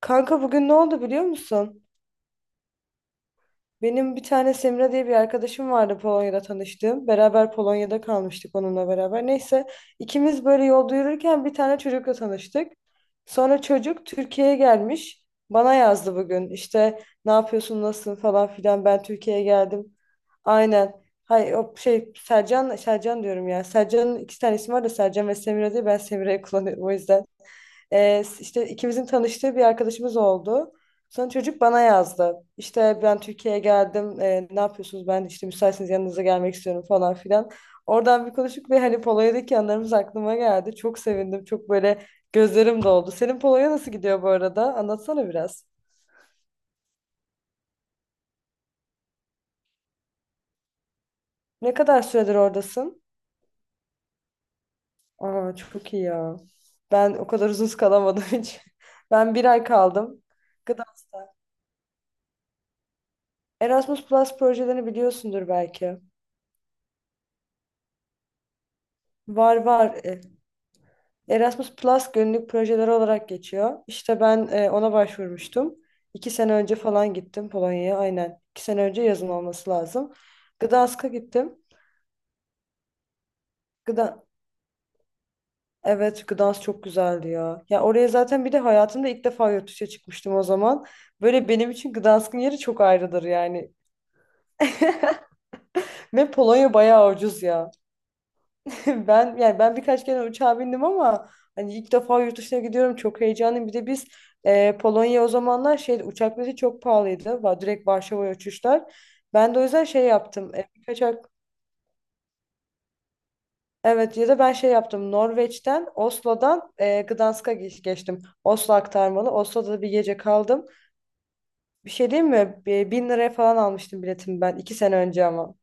Kanka bugün ne oldu biliyor musun? Benim bir tane Semra diye bir arkadaşım vardı Polonya'da tanıştığım. Beraber Polonya'da kalmıştık onunla beraber. Neyse ikimiz böyle yolda yürürken bir tane çocukla tanıştık. Sonra çocuk Türkiye'ye gelmiş. Bana yazdı bugün. İşte ne yapıyorsun, nasılsın falan filan, ben Türkiye'ye geldim. Aynen. Hay o şey, Sercan, Sercan diyorum ya. Sercan'ın iki tane ismi var da, Sercan ve Semra diye ben Semra'yı kullanıyorum o yüzden. İşte ikimizin tanıştığı bir arkadaşımız oldu. Sonra çocuk bana yazdı. İşte ben Türkiye'ye geldim. Ne yapıyorsunuz? Ben işte müsaitseniz yanınıza gelmek istiyorum falan filan. Oradan bir konuştuk ve hani Polonya'daki anılarımız aklıma geldi. Çok sevindim. Çok böyle gözlerim doldu. Senin Polonya nasıl gidiyor bu arada? Anlatsana biraz. Ne kadar süredir oradasın? Aa, çok iyi ya. Ben o kadar uzun kalamadım hiç. Ben bir ay kaldım. Gıda- Erasmus Plus projelerini biliyorsundur belki. Var var. Erasmus Plus günlük projeler olarak geçiyor. İşte ben ona başvurmuştum. 2 sene önce falan gittim Polonya'ya. Aynen. İki sene önce yazın olması lazım. Gdansk'a gittim. Gda evet, Gdansk çok güzeldi ya. Ya oraya zaten bir de hayatımda ilk defa yurt dışına çıkmıştım o zaman. Böyle benim için Gdansk'ın yeri çok ayrıdır yani. Ve Polonya bayağı ucuz ya. Ben yani ben birkaç kere uçağa bindim ama hani ilk defa yurt dışına gidiyorum, çok heyecanlıyım. Bir de biz Polonya o zamanlar şey uçak bileti çok pahalıydı. Direkt Varşova'ya uçuşlar. Ben de o yüzden şey yaptım. Evet, ya da ben şey yaptım. Norveç'ten, Oslo'dan Gdansk'a geçtim. Oslo aktarmalı. Oslo'da da bir gece kaldım. Bir şey diyeyim mi? 1000 liraya falan almıştım biletimi ben 2 sene önce ama.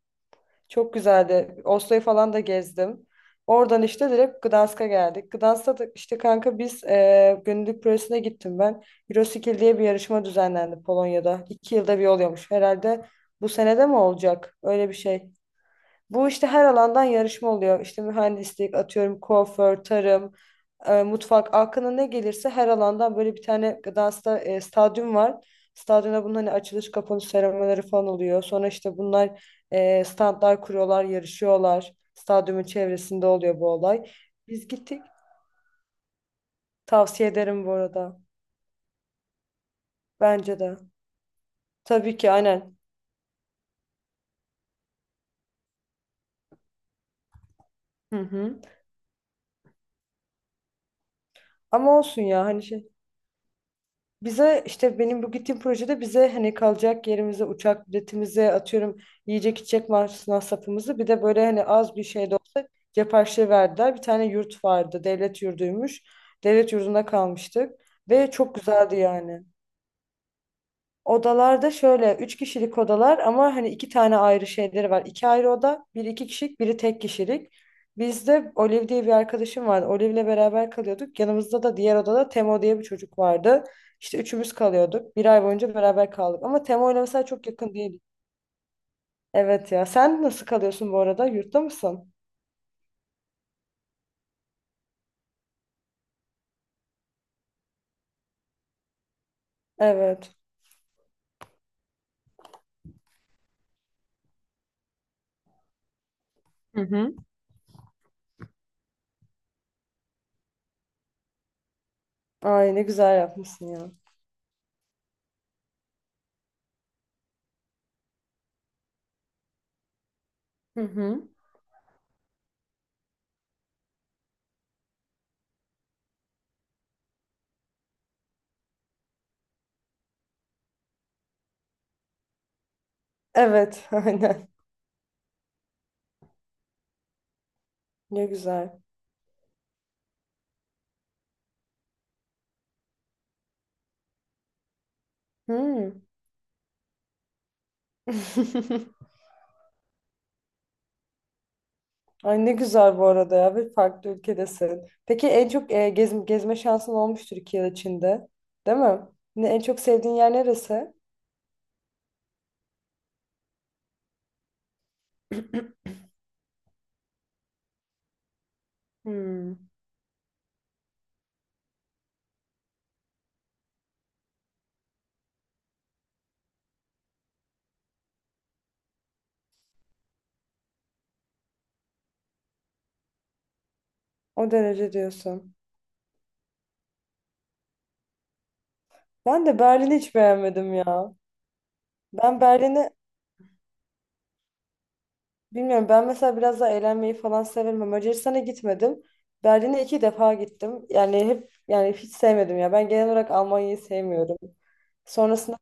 Çok güzeldi. Oslo'yu falan da gezdim. Oradan işte direkt Gdansk'a geldik. Gdansk'ta da işte kanka biz Gönüllülük Projesi'ne gittim ben. Euroskill diye bir yarışma düzenlendi Polonya'da. 2 yılda bir oluyormuş. Herhalde bu senede mi olacak? Öyle bir şey. Bu işte her alandan yarışma oluyor. İşte mühendislik, atıyorum kuaför, tarım, mutfak, aklına ne gelirse her alandan, böyle bir tane stadyum var. Stadyumda bunun hani açılış kapanış seremonileri falan oluyor. Sonra işte bunlar standlar kuruyorlar, yarışıyorlar. Stadyumun çevresinde oluyor bu olay. Biz gittik. Tavsiye ederim bu arada. Bence de. Tabii ki, aynen. Hı hı. Ama olsun ya hani şey. Bize işte, benim bu gittiğim projede, bize hani kalacak yerimize, uçak biletimize, atıyorum yiyecek içecek masrafımızı, bir de böyle hani az bir şey de olsa cep harçlığı verdiler. Bir tane yurt vardı, devlet yurduymuş. Devlet yurdunda kalmıştık ve çok güzeldi yani. Odalarda şöyle 3 kişilik odalar ama hani iki tane ayrı şeyleri var. İki ayrı oda, biri 2 kişilik, biri tek kişilik. Bizde Olive diye bir arkadaşım vardı. Olive'le beraber kalıyorduk. Yanımızda da diğer odada Temo diye bir çocuk vardı. İşte üçümüz kalıyorduk. Bir ay boyunca beraber kaldık. Ama Temo ile mesela çok yakın değil. Evet ya. Sen nasıl kalıyorsun bu arada? Yurtta mısın? Evet. Ay ne güzel yapmışsın ya. Hı hı. Evet, aynen. Ne güzel. Hı. Ay ne güzel bu arada ya, bir farklı ülkedesin. Peki en çok gezme şansın olmuştur 2 yıl içinde, değil mi? Ne, en çok sevdiğin yer neresi? Hmm, o derece diyorsun. Ben de Berlin'i hiç beğenmedim ya. Ben Berlin'i bilmiyorum. Ben mesela biraz daha eğlenmeyi falan severim. Ama Macaristan'a gitmedim. Berlin'e 2 defa gittim. Yani hep, yani hiç sevmedim ya. Ben genel olarak Almanya'yı sevmiyorum. Sonrasında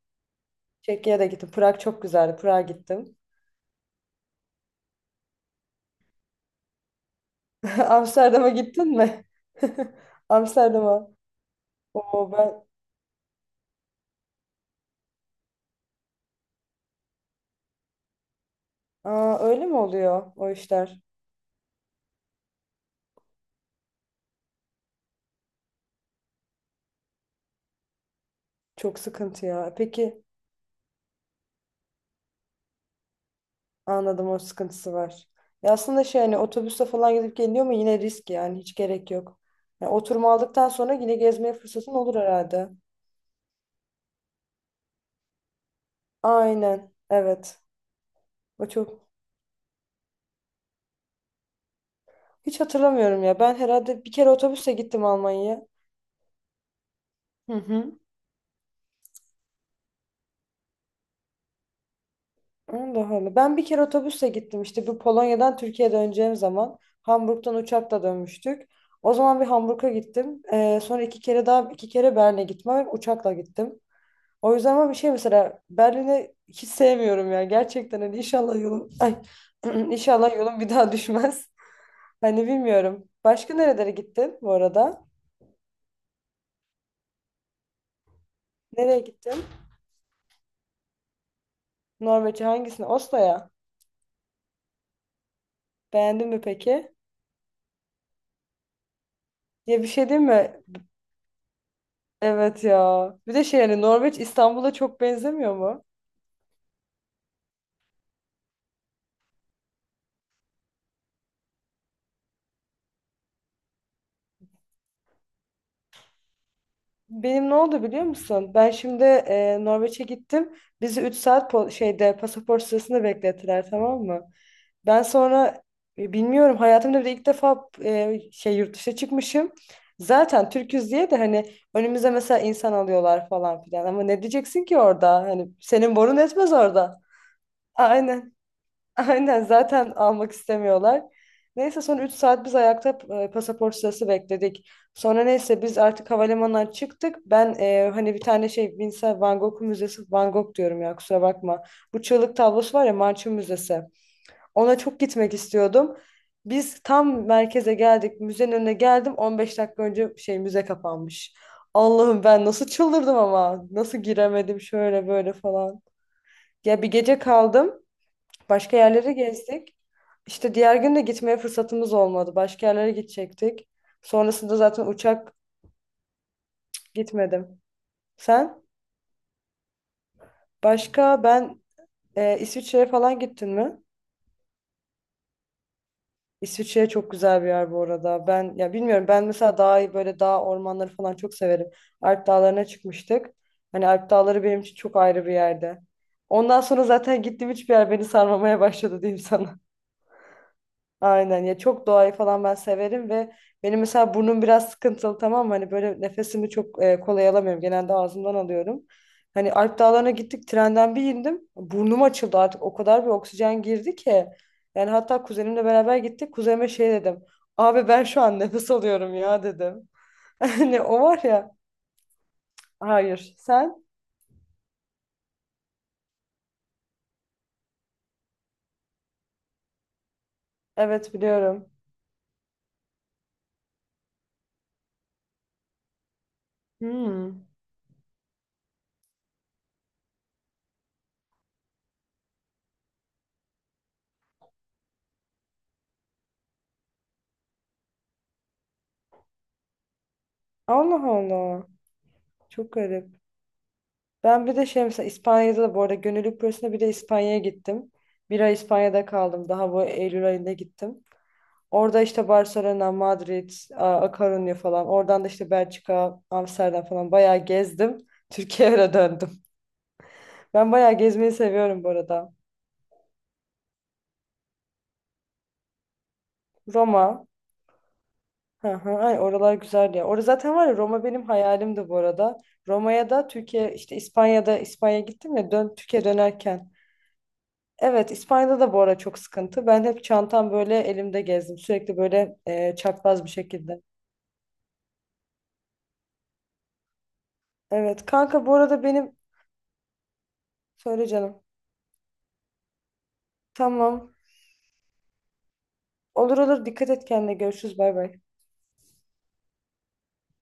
Çekya'ya da gittim. Prag çok güzeldi. Prag'a gittim. Amsterdam'a gittin mi? Amsterdam'a. Oo ben. Aa, öyle mi oluyor o işler? Çok sıkıntı ya. Peki anladım, o sıkıntısı var. Ya aslında şey hani otobüste falan gidip geliyor mu yine, risk yani, hiç gerek yok. Ya oturma aldıktan sonra yine gezmeye fırsatın olur herhalde. Aynen. Evet. O çok. Hiç hatırlamıyorum ya. Ben herhalde bir kere otobüse gittim Almanya'ya. Hı hı. Allah Allah. Ben bir kere otobüsle gittim işte bu Polonya'dan Türkiye'ye döneceğim zaman. Hamburg'dan uçakla dönmüştük. O zaman bir Hamburg'a gittim. Sonra 2 kere daha, 2 kere Berlin'e gitmem. Uçakla gittim. O yüzden ama bir şey, mesela Berlin'i hiç sevmiyorum ya. Gerçekten hani inşallah yolum ay inşallah yolum bir daha düşmez. Hani bilmiyorum. Başka nerelere gittin bu arada? Nereye gittin? Norveç'e hangisine? Oslo'ya. Beğendin mi peki? Ya bir şey değil mi? Evet ya. Bir de şey yani Norveç İstanbul'a çok benzemiyor mu? Benim ne oldu biliyor musun? Ben şimdi Norveç'e gittim. Bizi 3 saat şeyde pasaport sırasında beklettiler, tamam mı? Ben sonra bilmiyorum, hayatımda bir de ilk defa şey yurt dışına çıkmışım. Zaten Türküz diye de hani önümüze mesela insan alıyorlar falan filan. Ama ne diyeceksin ki orada? Hani senin borun etmez orada. Aynen. Aynen zaten almak istemiyorlar. Neyse son 3 saat biz ayakta pasaport sırası bekledik. Sonra neyse biz artık havalimanından çıktık. Ben hani bir tane şey Vincent Van Gogh Müzesi, Van Gogh diyorum ya, kusura bakma. Bu Çığlık tablosu var ya, Marçın Müzesi. Ona çok gitmek istiyordum. Biz tam merkeze geldik. Müzenin önüne geldim. 15 dakika önce şey müze kapanmış. Allah'ım ben nasıl çıldırdım ama. Nasıl giremedim, şöyle böyle falan. Ya bir gece kaldım. Başka yerleri gezdik. İşte diğer gün de gitmeye fırsatımız olmadı. Başka yerlere gidecektik. Sonrasında zaten uçak gitmedim. Sen? Başka ben İsviçre'ye falan gittin mi? İsviçre çok güzel bir yer bu arada. Ben ya bilmiyorum, ben mesela daha böyle dağ ormanları falan çok severim. Alp dağlarına çıkmıştık. Hani Alp dağları benim için çok ayrı bir yerde. Ondan sonra zaten gittiğim hiçbir yer beni sarmamaya başladı diyeyim sana. Aynen ya, çok doğayı falan ben severim ve benim mesela burnum biraz sıkıntılı, tamam mı? Hani böyle nefesimi çok kolay alamıyorum. Genelde ağzımdan alıyorum. Hani Alp Dağları'na gittik, trenden bir indim. Burnum açıldı, artık o kadar bir oksijen girdi ki. Yani hatta kuzenimle beraber gittik. Kuzenime şey dedim. Abi ben şu an nefes alıyorum ya dedim. Hani o var ya. Hayır, sen? Evet biliyorum. Hmm. Allah Allah. Çok garip. Ben bir de şey mesela İspanya'da da bu arada, gönüllülük projesinde bir de İspanya'ya gittim. Bir ay İspanya'da kaldım. Daha bu Eylül ayında gittim. Orada işte Barcelona, Madrid, A Coruña falan. Oradan da işte Belçika, Amsterdam falan bayağı gezdim. Türkiye'ye döndüm. Ben bayağı gezmeyi seviyorum bu arada. Roma. Hı hı, ay oralar güzel ya. Orada zaten var ya, Roma benim hayalimdi bu arada. Roma'ya da Türkiye işte İspanya'da İspanya'ya gittim ya, Türkiye dönerken. Evet, İspanya'da da bu ara çok sıkıntı. Ben hep çantam böyle elimde gezdim. Sürekli böyle çapraz bir şekilde. Evet kanka bu arada benim... Söyle canım. Tamam. Olur olur, dikkat et kendine. Görüşürüz, bay bay.